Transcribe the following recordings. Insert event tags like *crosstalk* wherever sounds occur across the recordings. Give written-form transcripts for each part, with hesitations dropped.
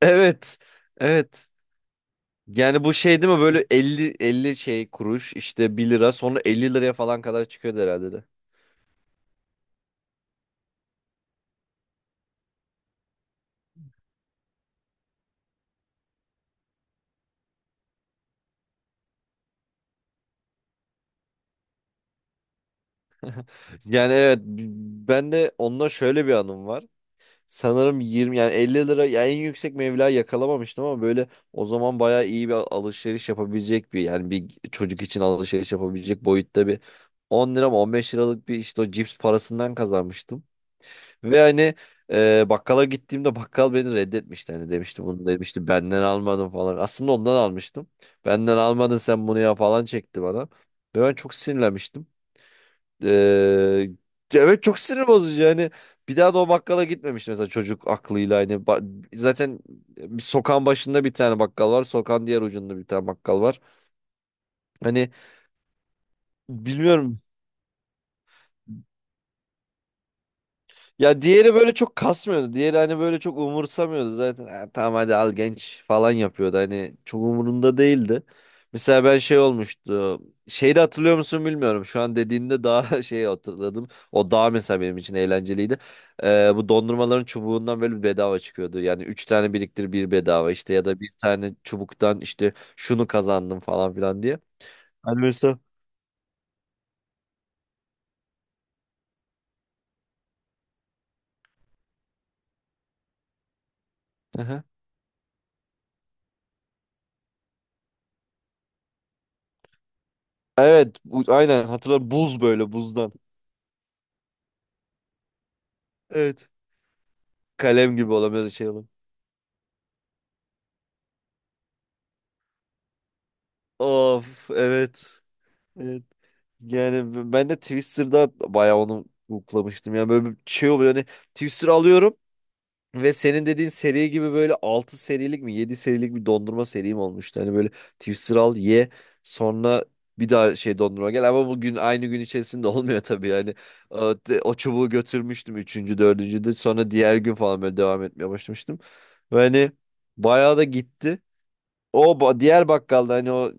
Evet. Evet. Yani bu şey değil mi? Böyle elli şey kuruş, işte bir lira, sonra 50 liraya falan kadar çıkıyordu herhalde de. Yani evet, ben de onunla şöyle bir anım var. Sanırım 20, yani 50 lira, yani en yüksek meblağı yakalamamıştım, ama böyle o zaman bayağı iyi bir alışveriş yapabilecek bir, yani bir çocuk için alışveriş yapabilecek boyutta bir 10 lira mı 15 liralık bir, işte o cips parasından kazanmıştım. Ve hani, bakkala gittiğimde bakkal beni reddetmişti. Hani demişti bunu, demişti benden almadın falan. Aslında ondan almıştım. Benden almadın sen bunu ya falan çekti bana. Ve ben çok sinirlenmiştim. E, evet, çok sinir bozucu yani. Bir daha da o bakkala gitmemiş mesela çocuk aklıyla. Hani zaten bir sokağın başında bir tane bakkal var, sokağın diğer ucunda bir tane bakkal var. Hani bilmiyorum. Ya diğeri böyle çok kasmıyordu, diğeri hani böyle çok umursamıyordu zaten. "Ha, tamam, hadi al genç," falan yapıyordu. Hani çok umurunda değildi. Mesela ben şey olmuştu. Şeyi de hatırlıyor musun bilmiyorum? Şu an dediğinde daha *laughs* şey hatırladım. O daha mesela benim için eğlenceliydi. Bu dondurmaların çubuğundan böyle bir bedava çıkıyordu. Yani üç tane biriktir bir bedava, işte ya da bir tane çubuktan işte şunu kazandım falan filan diye. Hani mesela. Aha. Evet, aynen hatırladım. Buz böyle, buzdan. Evet. Kalem gibi, olamıyor şey olan. Of, evet. Evet. Yani ben de Twister'da bayağı onu hoplamıştım. Yani böyle bir şey oluyor. Hani Twister alıyorum ve senin dediğin seri gibi böyle 6 serilik mi 7 serilik bir dondurma serim olmuştu. Hani böyle Twister al ye, sonra bir daha şey dondurma gel, ama bugün aynı gün içerisinde *laughs* olmuyor tabii yani. O çubuğu götürmüştüm üçüncü, 4. de, sonra diğer gün falan böyle devam etmeye başlamıştım. Ve hani bayağı da gitti. O diğer bakkalda, hani o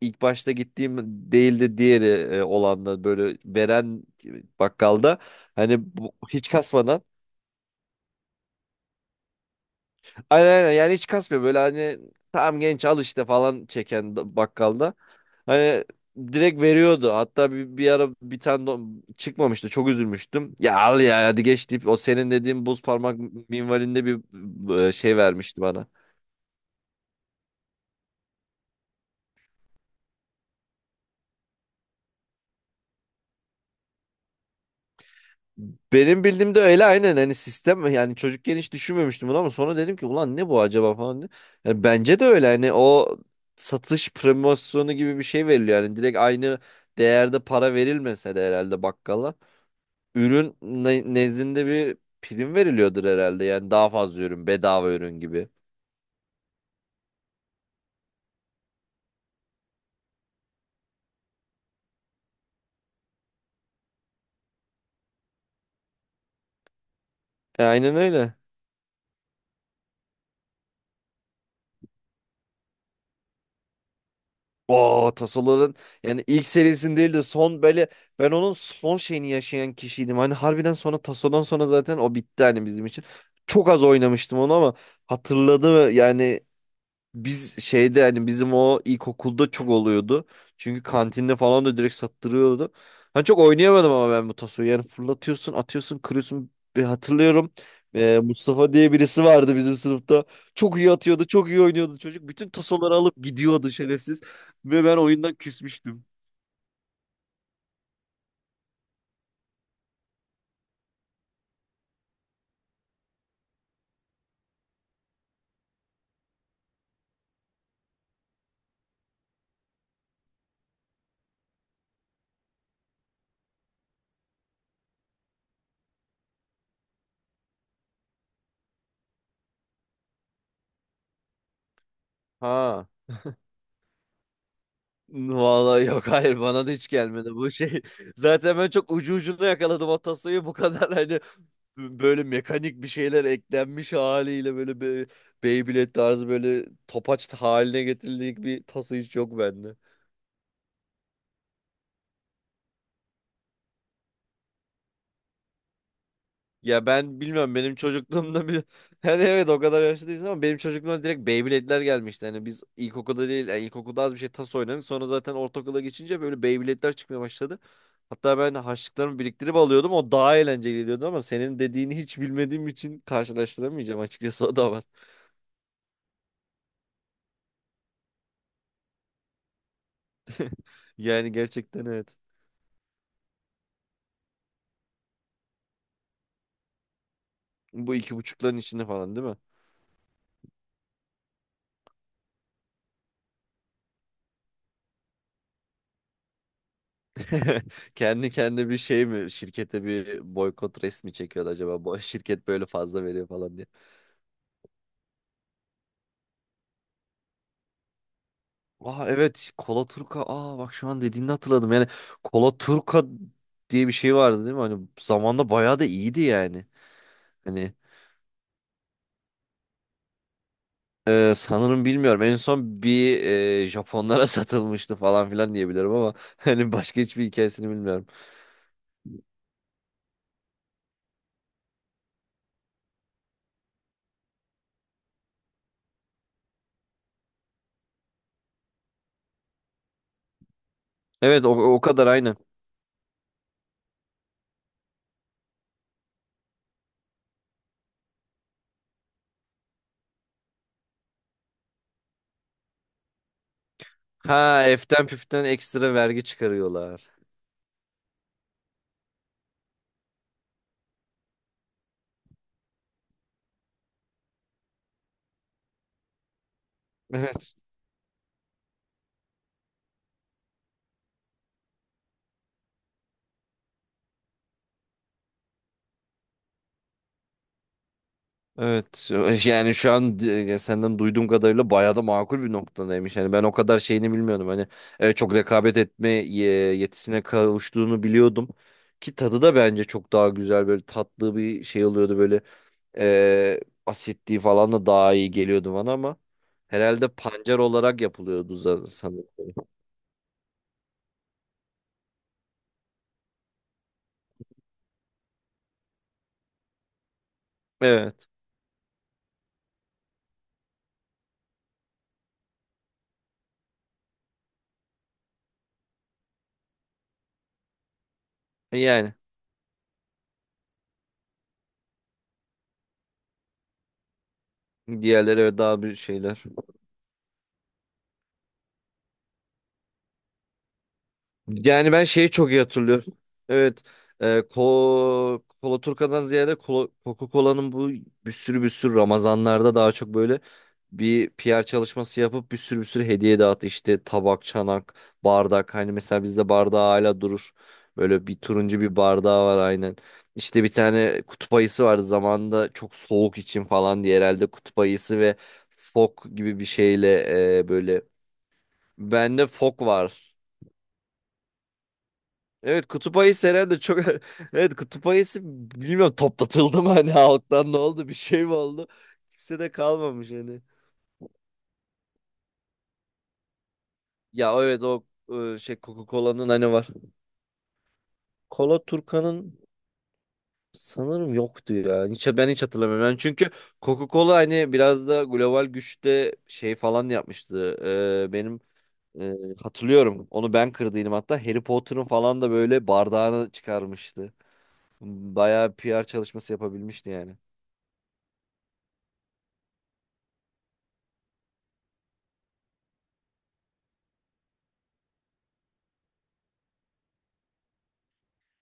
ilk başta gittiğim değildi diğeri, olan da böyle veren bakkalda, hani bu, hiç kasmadan, aynen aynen, yani hiç kasmıyor böyle hani, tamam genç al işte falan çeken bakkalda, hani direkt veriyordu. Hatta bir ara bir tane çıkmamıştı, çok üzülmüştüm, ya al ya hadi geç deyip o senin dediğin buz parmak minvalinde bir, şey vermişti bana. Benim bildiğimde öyle, aynen, hani sistem yani. Çocukken hiç düşünmemiştim bunu, ama sonra dedim ki ulan ne bu acaba falan diye. Yani bence de öyle, hani o satış promosyonu gibi bir şey veriliyor yani, direkt aynı değerde para verilmese de herhalde bakkala ürün nezdinde bir prim veriliyordur herhalde, yani daha fazla ürün, bedava ürün gibi. Aynen öyle. O Tasoların, yani ilk serisinin değil de son böyle, ben onun son şeyini yaşayan kişiydim. Hani harbiden sonra Taso'dan sonra zaten o bitti hani bizim için. Çok az oynamıştım onu ama, hatırladı yani. Biz şeyde, hani bizim o ilkokulda çok oluyordu. Çünkü kantinde falan da direkt sattırıyordu. Ben çok oynayamadım ama, ben bu tasoyu. Yani fırlatıyorsun, atıyorsun, kırıyorsun. Bir hatırlıyorum. Mustafa diye birisi vardı bizim sınıfta. Çok iyi atıyordu, çok iyi oynuyordu çocuk. Bütün tasoları alıp gidiyordu şerefsiz. Ve ben oyundan küsmüştüm. Ha. Vallahi yok, hayır, bana da hiç gelmedi bu şey. *laughs* Zaten ben çok ucu ucuna yakaladım o tasayı. Bu kadar hani, böyle mekanik bir şeyler eklenmiş haliyle, böyle be Beyblade tarzı böyle topaç haline getirildiği bir tası hiç yok bende. Ya ben bilmiyorum, benim çocukluğumda bir *laughs* hani evet, o kadar yaşlı değilsin, ama benim çocukluğumda direkt Beyblade'ler gelmişti. Hani biz ilkokulda değil, yani ilkokulda az bir şey tas oynadık, sonra zaten ortaokula geçince böyle Beyblade'ler çıkmaya başladı. Hatta ben harçlıklarımı biriktirip alıyordum. O daha eğlenceli geliyordu, ama senin dediğini hiç bilmediğim için karşılaştıramayacağım açıkçası, o da var. Yani gerçekten, evet. Bu iki buçukların içinde falan değil mi? *laughs* Kendi kendine bir şey mi? Şirkete bir boykot resmi çekiyordu acaba? Bu şirket böyle fazla veriyor falan diye. Aa, evet, Kola Turka. Aa, bak, şu an dediğini hatırladım. Yani Kola Turka diye bir şey vardı değil mi? Hani zamanda bayağı da iyiydi yani. Hani. Sanırım bilmiyorum. En son bir, Japonlara *laughs* satılmıştı falan filan diyebilirim ama, *laughs* hani başka hiçbir hikayesini bilmiyorum. Evet o, o kadar aynı. Ha, eften püften ekstra vergi çıkarıyorlar. Evet. Evet yani şu an, ya senden duyduğum kadarıyla bayağı da makul bir noktadaymış. Yani ben o kadar şeyini bilmiyordum. Hani, çok rekabet etme, yetisine kavuştuğunu biliyordum. Ki tadı da bence çok daha güzel, böyle tatlı bir şey oluyordu böyle. Ee, asitliği falan da daha iyi geliyordu bana, ama herhalde pancar olarak yapılıyordu sanırım. Evet. Yani diğerleri, evet, daha bir şeyler. Yani ben şeyi çok iyi hatırlıyorum. Evet. E, Ko Kola Turka'dan ziyade Coca-Cola'nın bu bir sürü bir sürü Ramazanlarda daha çok böyle bir PR çalışması yapıp bir sürü bir sürü hediye dağıt, işte tabak, çanak, bardak, hani mesela bizde bardağı hala durur. Böyle bir turuncu bir bardağı var aynen. İşte bir tane kutup ayısı vardı zamanında, çok soğuk için falan diye herhalde, kutup ayısı ve fok gibi bir şeyle, böyle bende fok var. Evet, kutup ayısı herhalde çok *laughs* evet kutup ayısı, bilmiyorum toplatıldı mı hani halktan, ne oldu, bir şey mi oldu, kimse de kalmamış hani. Ya evet o, şey, Coca-Cola'nın hani var. Kola Turkan'ın sanırım yoktu ya. Hiç, ben hiç hatırlamıyorum. Yani çünkü Coca-Cola hani biraz da global güçte şey falan yapmıştı. Benim, e, hatırlıyorum. Onu ben kırdıydım hatta. Harry Potter'ın falan da böyle bardağını çıkarmıştı. Bayağı PR çalışması yapabilmişti yani.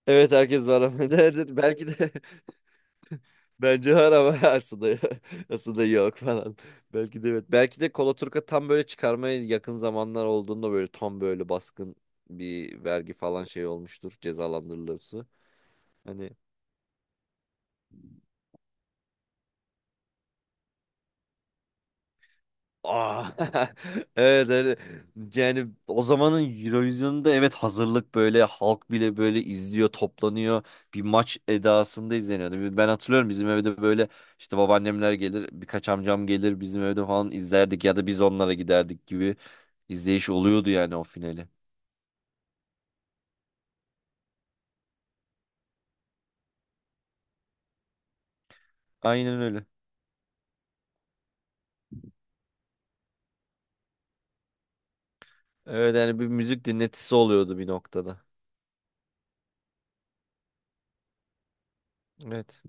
Evet, herkes var ama *laughs* derdi. Belki de. Bence var ama *laughs* aslında, aslında yok falan. Belki de evet. Belki de Kolaturka tam böyle çıkarmaya yakın zamanlar olduğunda böyle tam böyle baskın bir vergi falan şey olmuştur. Cezalandırılırsa. Hani. Aa, *laughs* evet, evet. Yani o zamanın Eurovision'da evet, hazırlık, böyle halk bile böyle izliyor, toplanıyor, bir maç edasında izleniyordu. Ben hatırlıyorum bizim evde böyle, işte babaannemler gelir, birkaç amcam gelir, bizim evde falan izlerdik, ya da biz onlara giderdik gibi izleyiş oluyordu yani o finali. Aynen öyle. Evet yani bir müzik dinletisi oluyordu bir noktada. Evet.